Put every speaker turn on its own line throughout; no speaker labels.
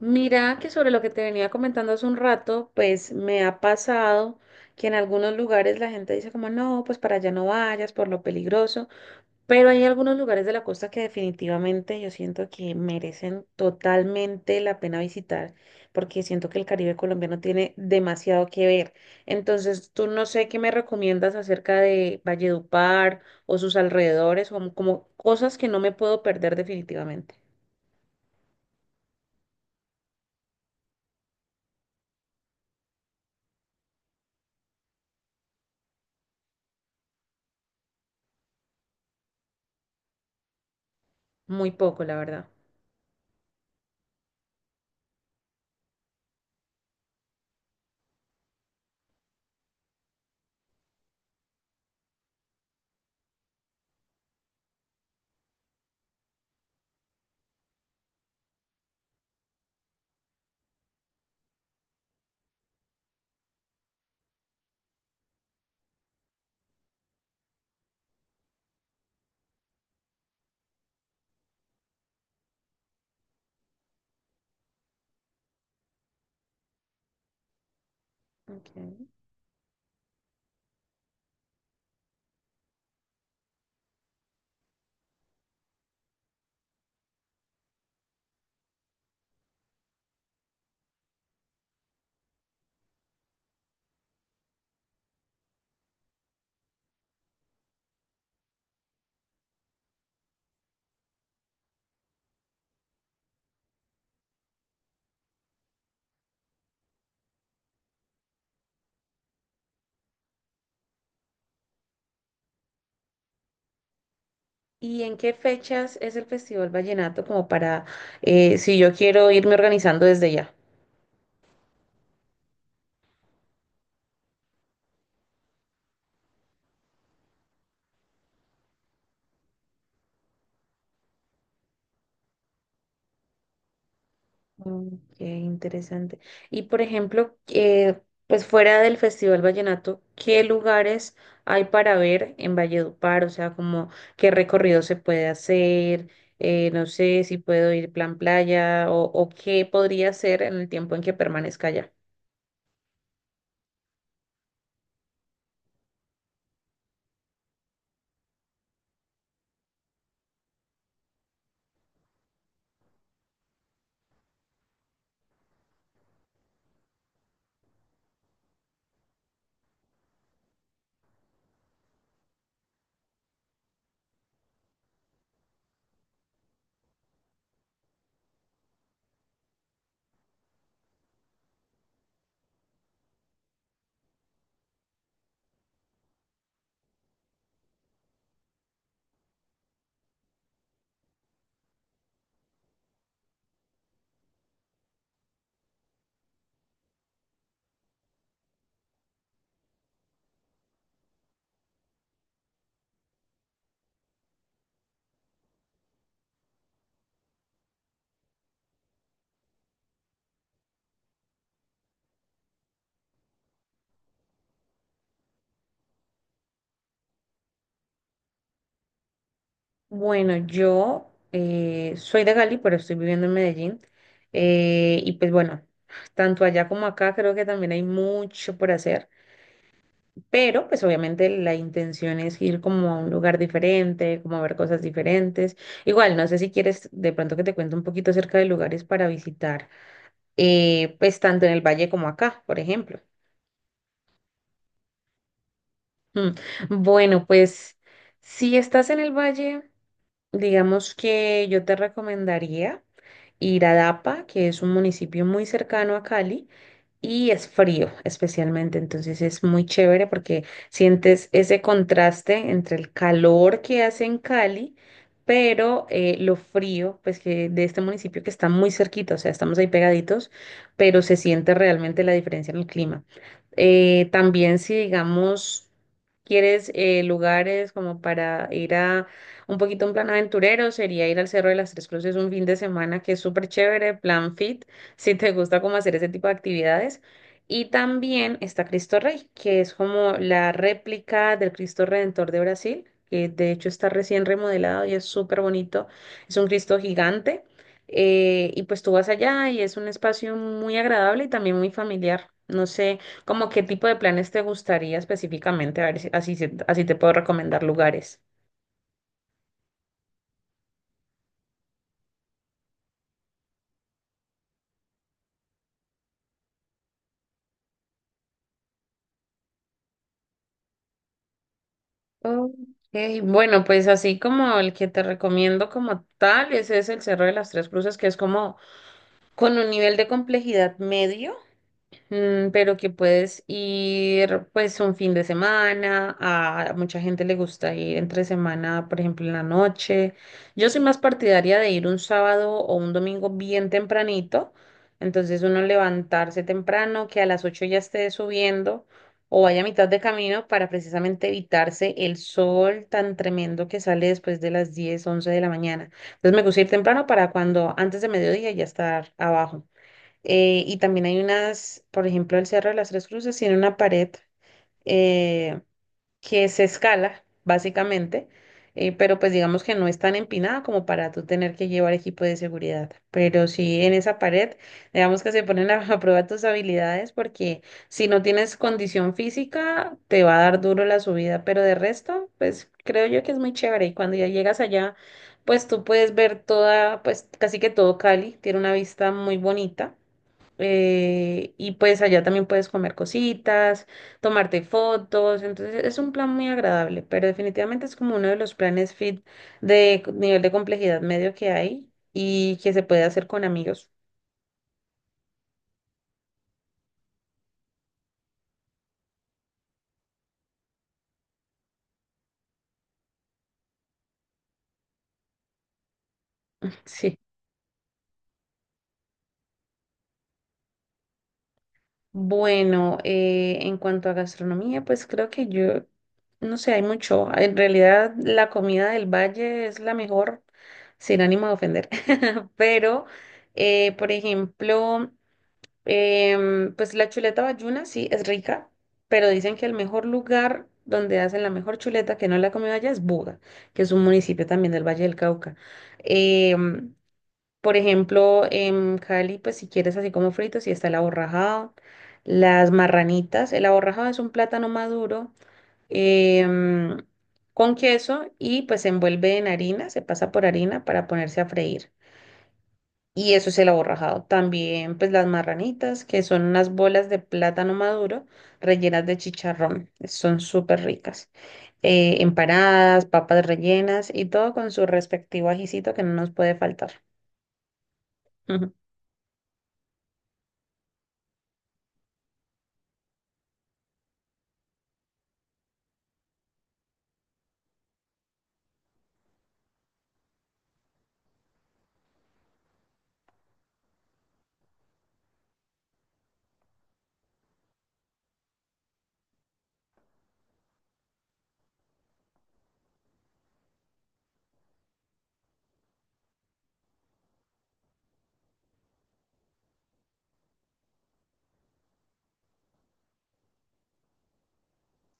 Mira que sobre lo que te venía comentando hace un rato, pues me ha pasado que en algunos lugares la gente dice como no, pues para allá no vayas por lo peligroso, pero hay algunos lugares de la costa que definitivamente yo siento que merecen totalmente la pena visitar, porque siento que el Caribe colombiano tiene demasiado que ver. Entonces, tú no sé qué me recomiendas acerca de Valledupar o sus alrededores, o como cosas que no me puedo perder definitivamente. Muy poco, la verdad. Ok. ¿Y en qué fechas es el Festival Vallenato como para, si yo quiero irme organizando desde ya? Mm, qué interesante. Y por ejemplo, pues fuera del Festival Vallenato, ¿qué lugares hay para ver en Valledupar? O sea, ¿como qué recorrido se puede hacer? No sé si puedo ir plan playa o qué podría hacer en el tiempo en que permanezca allá. Bueno, yo soy de Cali, pero estoy viviendo en Medellín. Y pues bueno, tanto allá como acá creo que también hay mucho por hacer, pero pues obviamente la intención es ir como a un lugar diferente, como a ver cosas diferentes. Igual, no sé si quieres de pronto que te cuente un poquito acerca de lugares para visitar, pues tanto en el valle como acá, por ejemplo. Mm, Bueno, pues si estás en el valle, digamos que yo te recomendaría Iradapa, que es un municipio muy cercano a Cali, y es frío especialmente, entonces es muy chévere porque sientes ese contraste entre el calor que hace en Cali, pero lo frío, pues, que de este municipio que está muy cerquita, o sea, estamos ahí pegaditos, pero se siente realmente la diferencia en el clima. También, si digamos, ¿quieres lugares como para ir a un poquito un plan aventurero? Sería ir al Cerro de las Tres Cruces un fin de semana, que es súper chévere, plan fit, si te gusta como hacer ese tipo de actividades. Y también está Cristo Rey, que es como la réplica del Cristo Redentor de Brasil, que de hecho está recién remodelado y es súper bonito. Es un Cristo gigante. Y pues tú vas allá y es un espacio muy agradable y también muy familiar. No sé, como qué tipo de planes te gustaría específicamente, a ver si así, así te puedo recomendar lugares. Ok. Bueno, pues así como el que te recomiendo como tal, ese es el Cerro de las Tres Cruces, que es como con un nivel de complejidad medio. Pero que puedes ir pues un fin de semana, a mucha gente le gusta ir entre semana, por ejemplo, en la noche. Yo soy más partidaria de ir un sábado o un domingo bien tempranito, entonces uno levantarse temprano, que a las 8 ya esté subiendo o vaya a mitad de camino para precisamente evitarse el sol tan tremendo que sale después de las 10, 11 de la mañana. Entonces me gusta ir temprano para cuando antes de mediodía ya estar abajo. Y también hay unas, por ejemplo, el Cerro de las Tres Cruces tiene una pared eh, que se escala, básicamente, pero pues digamos que no es tan empinada como para tú tener que llevar equipo de seguridad. Pero sí, en esa pared, digamos que se ponen a, a prueba tus habilidades, porque si no tienes condición física, te va a dar duro la subida, pero de resto, pues creo yo que es muy chévere y cuando ya llegas allá, pues tú puedes ver toda, pues casi que todo Cali, tiene una vista muy bonita. Y pues allá también puedes comer cositas, tomarte fotos, entonces es un plan muy agradable, pero definitivamente es como uno de los planes fit de nivel de complejidad medio que hay y que se puede hacer con amigos. Sí. Bueno, en cuanto a gastronomía, pues creo que yo, no sé, hay mucho. En realidad la comida del valle es la mejor, sin ánimo de ofender, pero, por ejemplo, pues la chuleta bayuna sí es rica, pero dicen que el mejor lugar donde hacen la mejor chuleta, que no la he comido allá, es Buga, que es un municipio también del Valle del Cauca. Em, por ejemplo, en Cali, pues si quieres así como fritos, sí está el aborrajado, las marranitas. El aborrajado es un plátano maduro em, con queso y pues se envuelve en harina, se pasa por harina para ponerse a freír y eso es el aborrajado. También pues las marranitas, que son unas bolas de plátano maduro rellenas de chicharrón. Son súper ricas. Empanadas, papas rellenas y todo con su respectivo ajicito que no nos puede faltar. Ujú.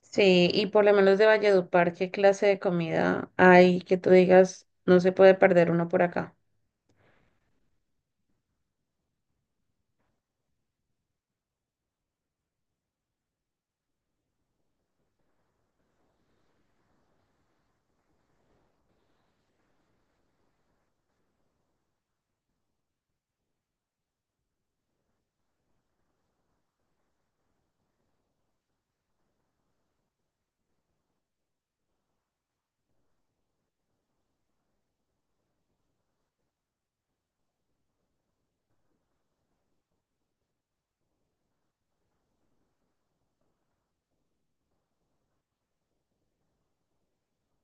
Sí, y por lo menos de Valledupar, ¿qué clase de comida hay que tú digas no se puede perder uno por acá?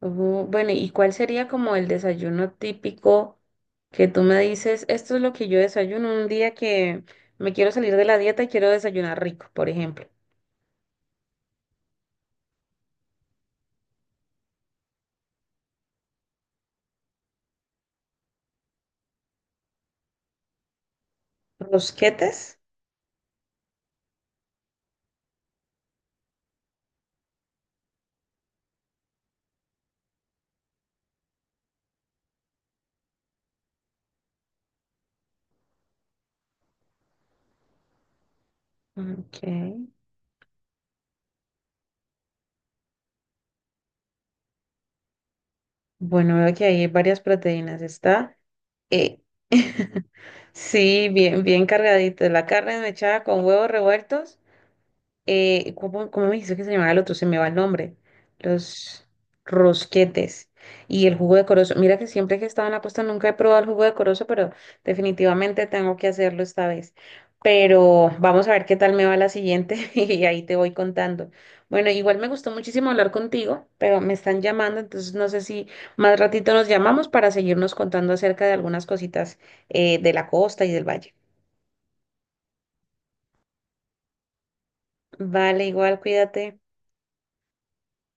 Ujú. Bueno, ¿y cuál sería como el desayuno típico que tú me dices? Esto es lo que yo desayuno un día que me quiero salir de la dieta y quiero desayunar rico, por ejemplo. ¿Rosquetes? Ok. Bueno, veo que ahí hay varias proteínas. Está. eh, Sí, bien, bien cargadito. La carne mechada con huevos revueltos. ¿Cómo me dijiste que se llamaba el otro? Se me va el nombre. Los rosquetes y el jugo de corozo. Mira que siempre que he estado en la costa nunca he probado el jugo de corozo, pero definitivamente tengo que hacerlo esta vez. Pero vamos a ver qué tal me va la siguiente y ahí te voy contando. Bueno, igual me gustó muchísimo hablar contigo, pero me están llamando, entonces no sé si más ratito nos llamamos para seguirnos contando acerca de algunas cositas de la costa y del valle. Vale, igual, cuídate.